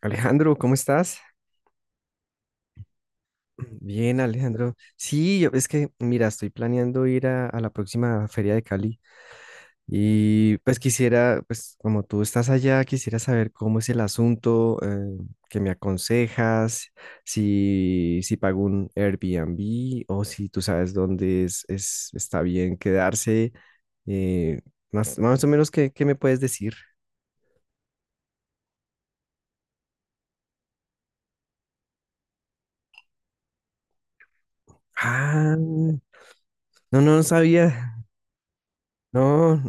Alejandro, ¿cómo estás? Bien, Alejandro. Sí, yo, mira, estoy planeando ir a la próxima Feria de Cali y pues quisiera, pues como tú estás allá, quisiera saber cómo es el asunto, qué me aconsejas, si pago un Airbnb o si tú sabes dónde está bien quedarse, eh, más o menos, ¿ qué me puedes decir? Ah, no, no, no sabía. No.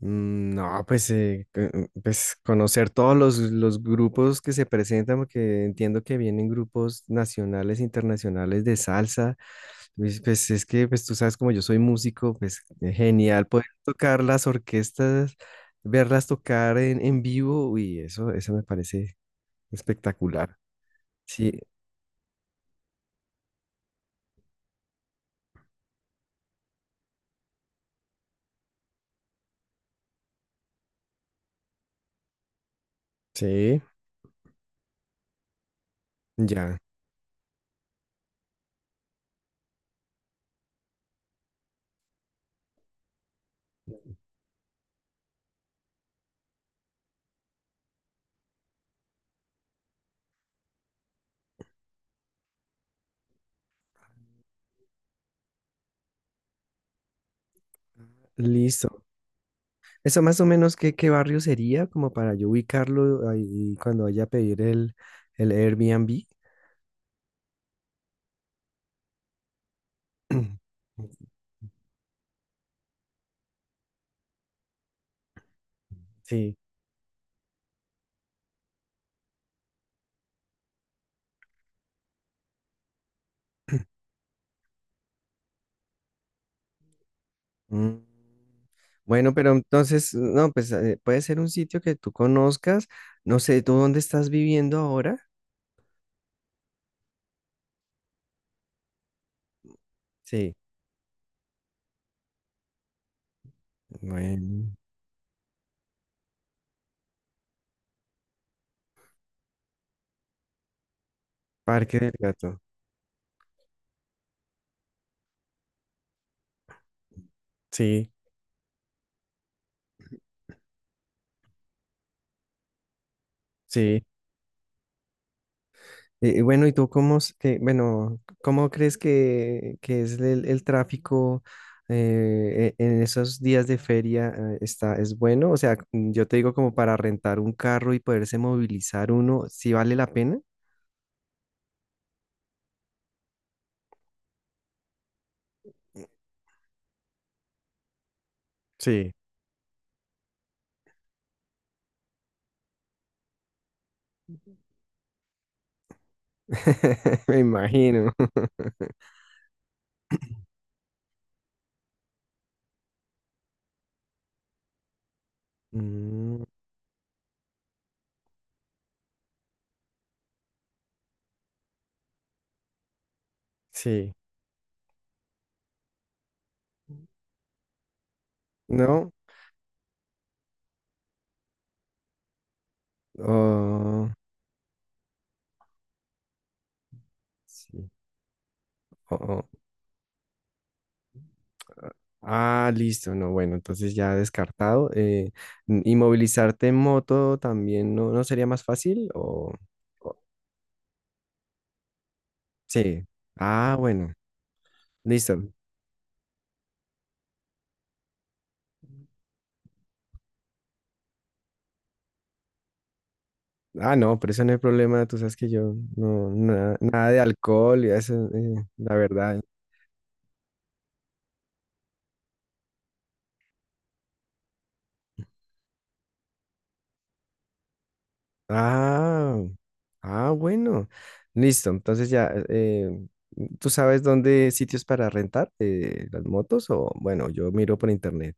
No, pues, pues conocer los grupos que se presentan, porque entiendo que vienen grupos nacionales, internacionales de salsa. Pues, pues tú sabes, como yo soy músico, pues genial poder tocar las orquestas, verlas tocar en vivo, eso me parece espectacular. Sí, sí, ya, listo. Eso más o menos, ¿ qué barrio sería? Como para yo ubicarlo ahí cuando vaya a pedir el Airbnb. Sí. Mm. Bueno, pero entonces, no, pues puede ser un sitio que tú conozcas. No sé, ¿tú dónde estás viviendo ahora? Sí. Bueno. Parque del Gato. Sí, sí. ¿ bueno, ¿cómo crees que es el tráfico en esos días de feria? Está, ¿es bueno? O sea, yo te digo como para rentar un carro y poderse movilizar uno, ¿sí vale la pena? Sí. Me imagino. Mm, sí, ¿no? Oh, sí. Oh, oh. Ah, listo, no, bueno, entonces ya descartado. ¿Y movilizarte en moto también no, no sería más fácil? O- sí. Ah, bueno, listo. Ah, no, pero eso no hay problema, tú sabes que yo nada de alcohol y eso, la verdad. Ah, ah, bueno. Listo. Entonces ya, ¿tú sabes dónde sitios para rentar las motos? O bueno, yo miro por internet.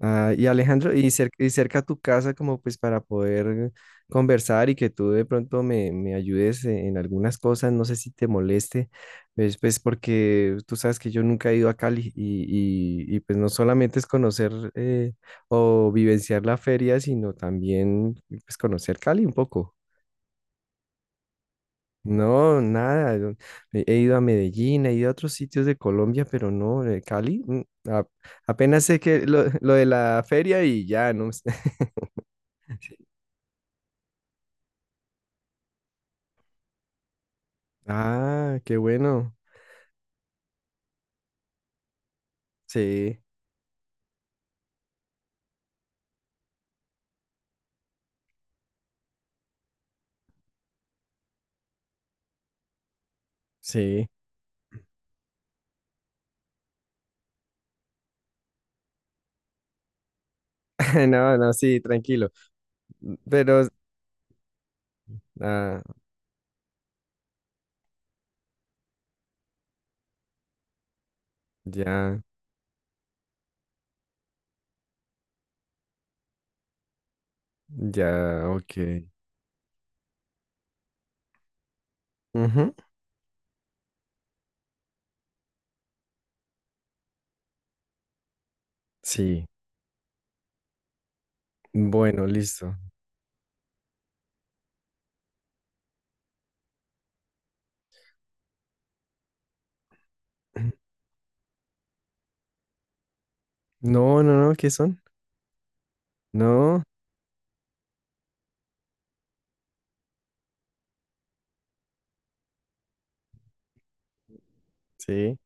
Ah, y Alejandro, y cerca a tu casa, como pues para poder conversar y que tú de pronto me ayudes en algunas cosas, no sé si te moleste, pues porque tú sabes que yo nunca he ido a Cali y pues no solamente es conocer o vivenciar la feria, sino también pues conocer Cali un poco. No, nada. Yo he ido a Medellín, he ido a otros sitios de Colombia, pero no, de Cali. A- Apenas sé lo de la feria y ya, no sé. Ah, qué bueno. Sí, sí. No, no, sí, tranquilo. Pero. Ah, ya, ya, ok. Ujú. Sí, bueno, listo. No, no, no, ¿qué son? No, sí,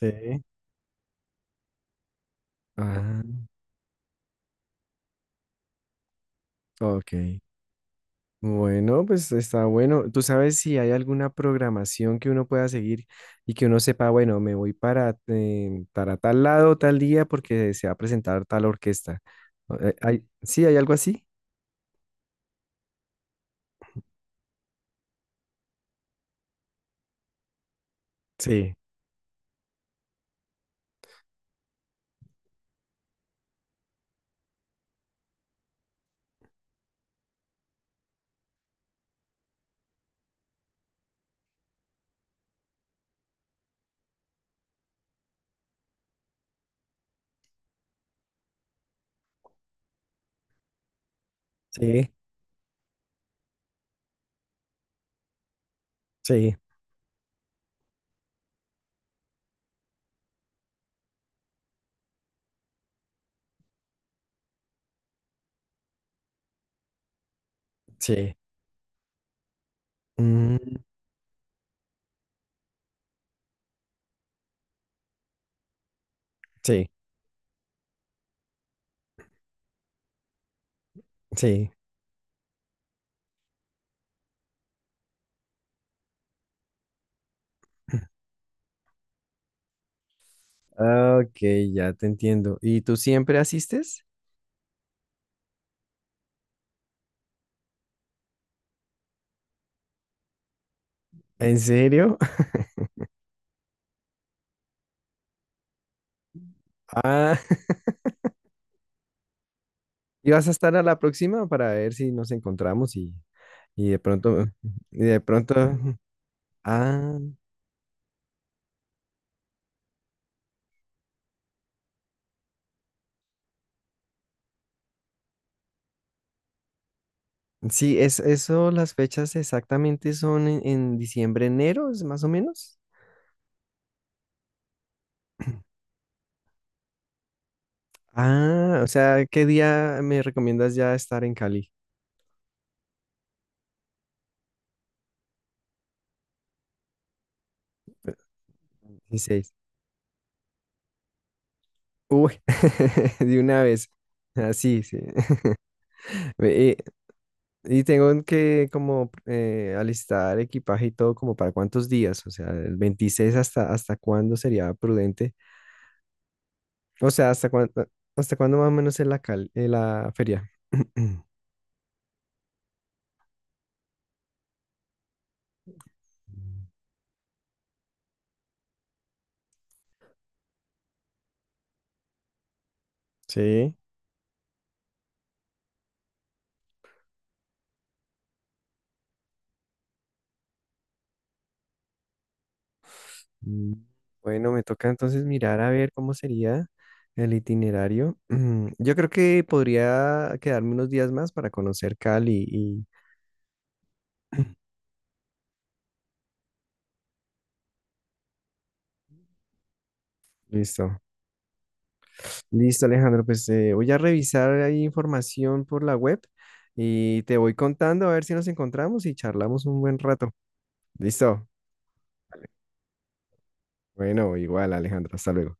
sí. Ah, ok. Bueno, pues está bueno. ¿Tú sabes si hay alguna programación que uno pueda seguir y que uno sepa, bueno, me voy para tal lado, tal día, porque se va a presentar tal orquesta? ¿ sí, hay algo así? Sí, sí, sí, sí. Mm, sí, sí. Ah, ok, ya te entiendo. ¿Y tú siempre asistes? ¿En serio? Ah. ¿Y vas a estar a la próxima para ver si nos encontramos y de pronto, y de pronto, ah. Sí, es eso, las fechas exactamente son en diciembre, enero, es más o menos. Ah, o sea, ¿qué día me recomiendas ya estar en Cali? 16. Uy, de una vez. Así, sí. Sí. Ve, y tengo que como alistar equipaje y todo como para cuántos días, o sea, el 26 hasta, ¿hasta cuándo sería prudente? O sea, hasta cuándo más o menos es la feria. Sí. Mm. Bueno, me toca entonces mirar a ver cómo sería el itinerario. Yo creo que podría quedarme unos días más para conocer Cali y listo. Listo, Alejandro, pues voy a revisar ahí información por la web y te voy contando a ver si nos encontramos y charlamos un buen rato. Listo. Bueno, igual, Alejandro, hasta luego.